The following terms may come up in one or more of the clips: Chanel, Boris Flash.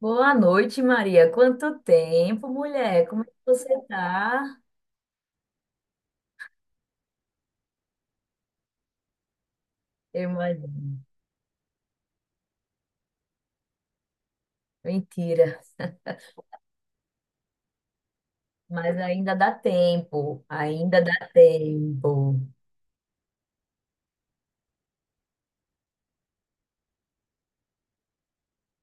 Boa noite, Maria. Quanto tempo, mulher? Como é que você tá? Eu imagino. Mentira. Mas ainda dá tempo. Ainda dá tempo.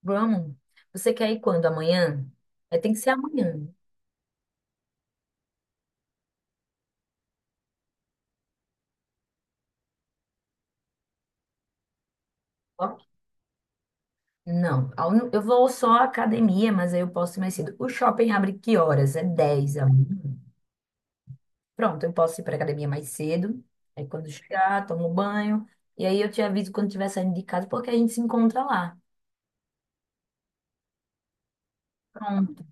Vamos. Você quer ir quando? Amanhã? É, tem que ser amanhã. Ok. Não. Eu vou só à academia, mas aí eu posso ir mais cedo. O shopping abre que horas? É 10 amanhã. Pronto, eu posso ir para academia mais cedo. Aí quando chegar, tomo banho. E aí eu te aviso quando estiver saindo de casa, porque a gente se encontra lá. Pronto.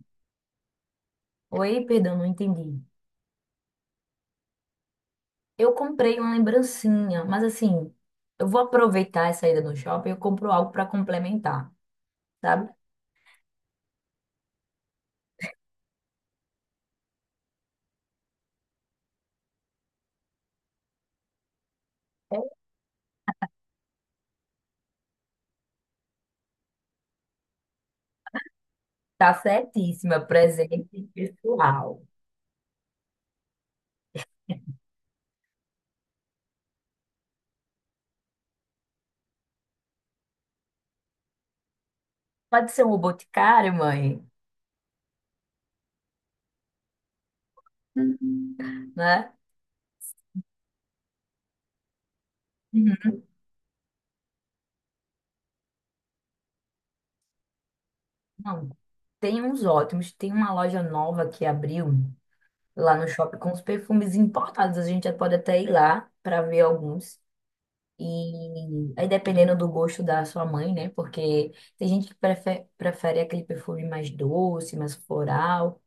Oi, perdão, não entendi. Eu comprei uma lembrancinha, mas assim, eu vou aproveitar essa ida no shopping e eu compro algo para complementar, sabe? É. Tá certíssima, presente pessoal. Pode ser um boticário, mãe, né? Uhum. Não, tem uns ótimos. Tem uma loja nova que abriu lá no shopping com os perfumes importados. A gente já pode até ir lá para ver alguns. E aí, dependendo do gosto da sua mãe, né? Porque tem gente que prefere aquele perfume mais doce, mais floral.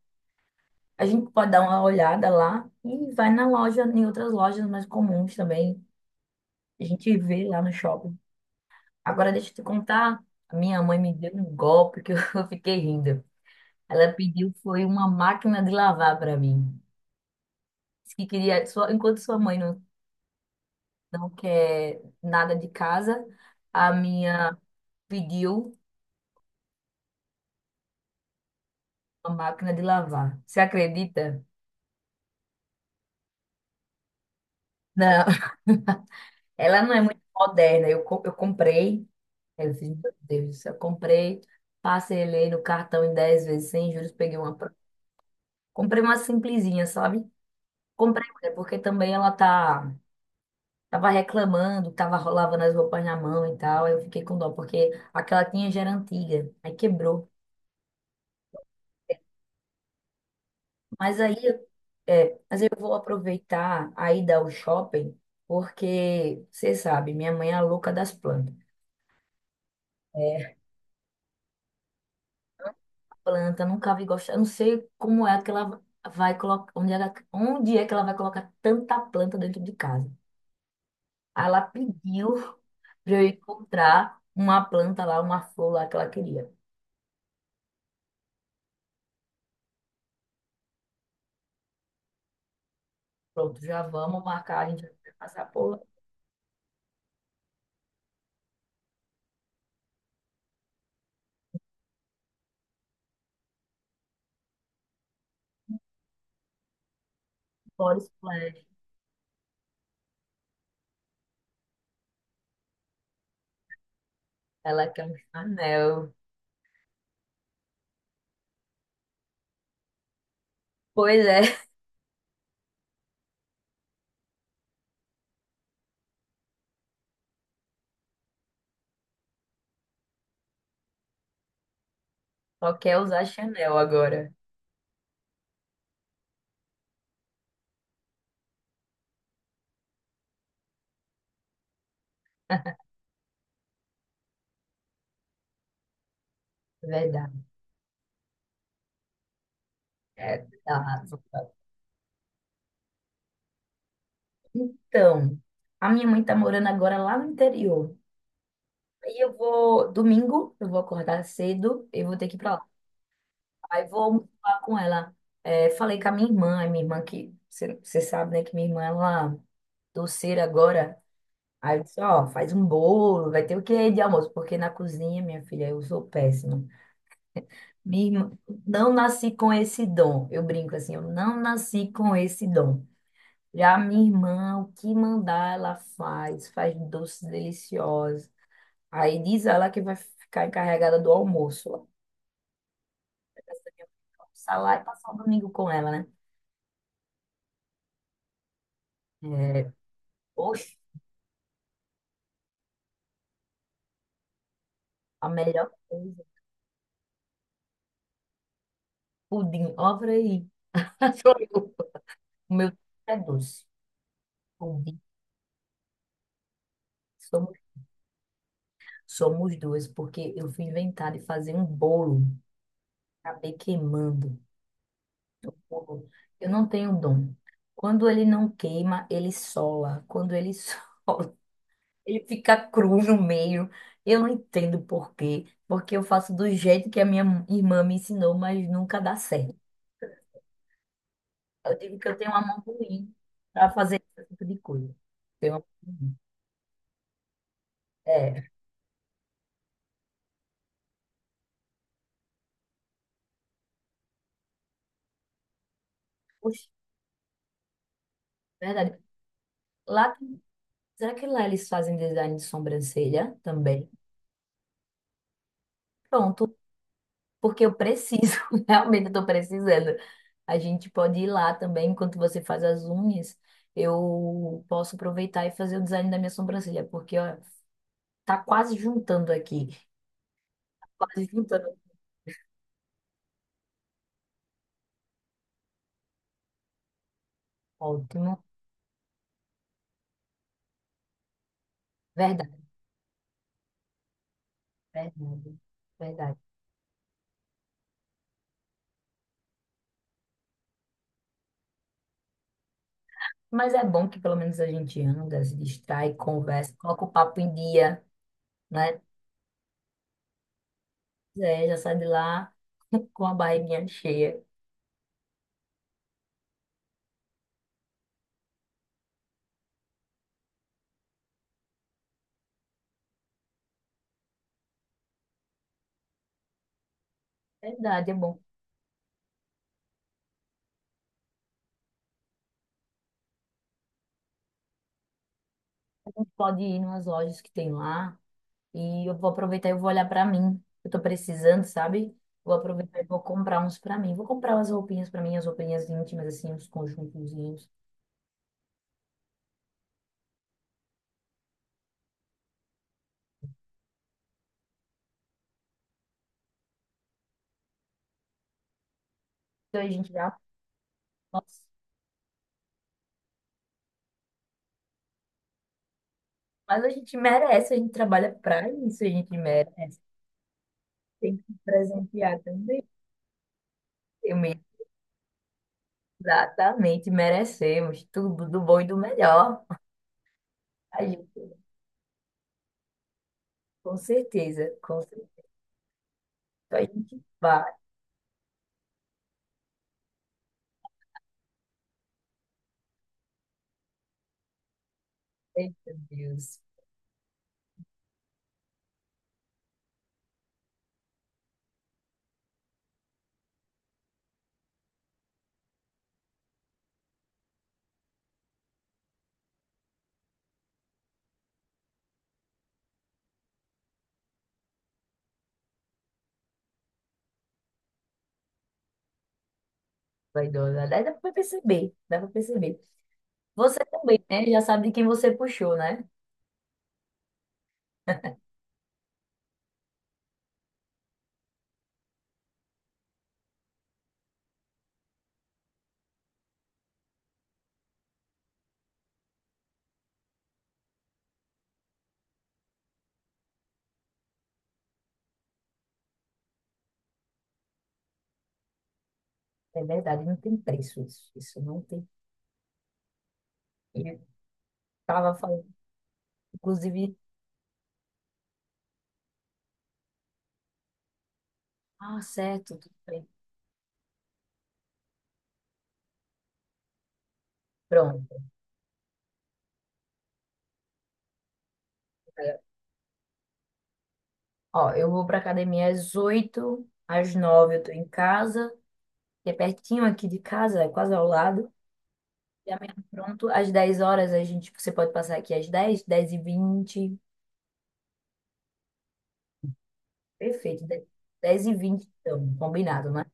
A gente pode dar uma olhada lá e vai na loja, em outras lojas mais comuns também. A gente vê lá no shopping. Agora, deixa eu te contar. A minha mãe me deu um golpe que eu fiquei rindo. Ela pediu, foi uma máquina de lavar para mim. Disse que queria, enquanto sua mãe não, não quer nada de casa, a minha pediu. Uma máquina de lavar. Você acredita? Não, ela não é muito moderna. Eu comprei, eu fiz, meu Deus do céu, eu comprei, parcelei no cartão em 10 vezes sem juros, peguei uma. Comprei uma simplesinha, sabe? Comprei, mulher, porque também ela tá, tava reclamando, tava lavando as roupas na mão e tal. Aí eu fiquei com dó, porque aquela tinha já era antiga, aí quebrou. Mas aí, é, mas eu vou aproveitar a ida ao shopping, porque você sabe, minha mãe é a louca das plantas. É, planta, nunca vi gostar. Eu não sei como é que ela vai colocar, onde é que ela vai colocar tanta planta dentro de casa. Aí ela pediu para eu encontrar uma planta lá, uma flor lá que ela queria. Pronto, já vamos marcar, a gente vai passar por Boris Flash. Ela quer um Chanel. Pois é, só quer usar Chanel agora. É verdade. É, tá. Então, a minha mãe tá morando agora lá no interior. Aí eu vou, domingo, eu vou acordar cedo, eu vou ter que ir pra lá. Aí vou falar com ela. É, falei com a minha irmã que, você sabe, né, que minha irmã, ela doceira agora. Aí eu disse, ó, faz um bolo, vai ter o que de almoço? Porque na cozinha, minha filha, eu sou péssima. Minha irmã, não nasci com esse dom. Eu brinco assim, eu não nasci com esse dom. Já minha irmã, o que mandar, ela faz, faz doces deliciosos. Aí diz ela que vai ficar encarregada do almoço. Dessa minha mãe almoçar lá e passar o domingo com ela, né? É, poxa, a melhor coisa. Pudim, obra aí. Sou eu. O meu é doce. Pudim. Somos, somos duas, porque eu fui inventar de fazer um bolo. Acabei queimando o bolo. Eu não tenho dom. Quando ele não queima, ele sola. Quando ele sola, ele fica cru no meio. Eu não entendo por quê. Porque eu faço do jeito que a minha irmã me ensinou, mas nunca dá certo. Eu digo que eu tenho uma mão ruim para fazer esse tipo de coisa. Tenho uma mão ruim. É, poxa, verdade. Lá, será que lá eles fazem design de sobrancelha também? Pronto, porque eu preciso, realmente eu tô precisando. A gente pode ir lá também, enquanto você faz as unhas, eu posso aproveitar e fazer o design da minha sobrancelha, porque ó, tá quase juntando aqui. Quase juntando. Ótimo. Verdade, verdade, verdade. Mas é bom que pelo menos a gente anda, se distrai, conversa, coloca o papo em dia, né? É, já sai de lá com a barriguinha cheia. Verdade, é bom. A gente pode ir nas lojas que tem lá e eu vou aproveitar e eu vou olhar pra mim. Eu tô precisando, sabe? Vou aproveitar e vou comprar uns pra mim. Vou comprar umas roupinhas pra mim, as roupinhas íntimas, assim, uns conjuntozinhos. Então a gente já. Nossa, mas a gente merece, a gente trabalha pra isso, a gente merece. Tem que presentear também. Eu me. Exatamente, merecemos tudo do bom e do melhor. A gente, com certeza, com certeza. A gente vai. Eita, Deus, vaidosa. Aliás, dá pra perceber, dá pra perceber. Você também, né? Já sabe de quem você puxou, né? É verdade, não tem preço isso. Isso não tem. Eu tava falando, inclusive, ah, certo, tudo bem. Pronto. É, ó, eu vou pra academia às 8, às 9 eu tô em casa, que é pertinho aqui de casa, é quase ao lado. Já mesmo pronto. Às 10 horas a gente, você pode passar aqui às dez e vinte. Perfeito. 10h20 então, combinado, né?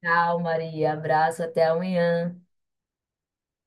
Tchau, Maria. Abraço, até amanhã.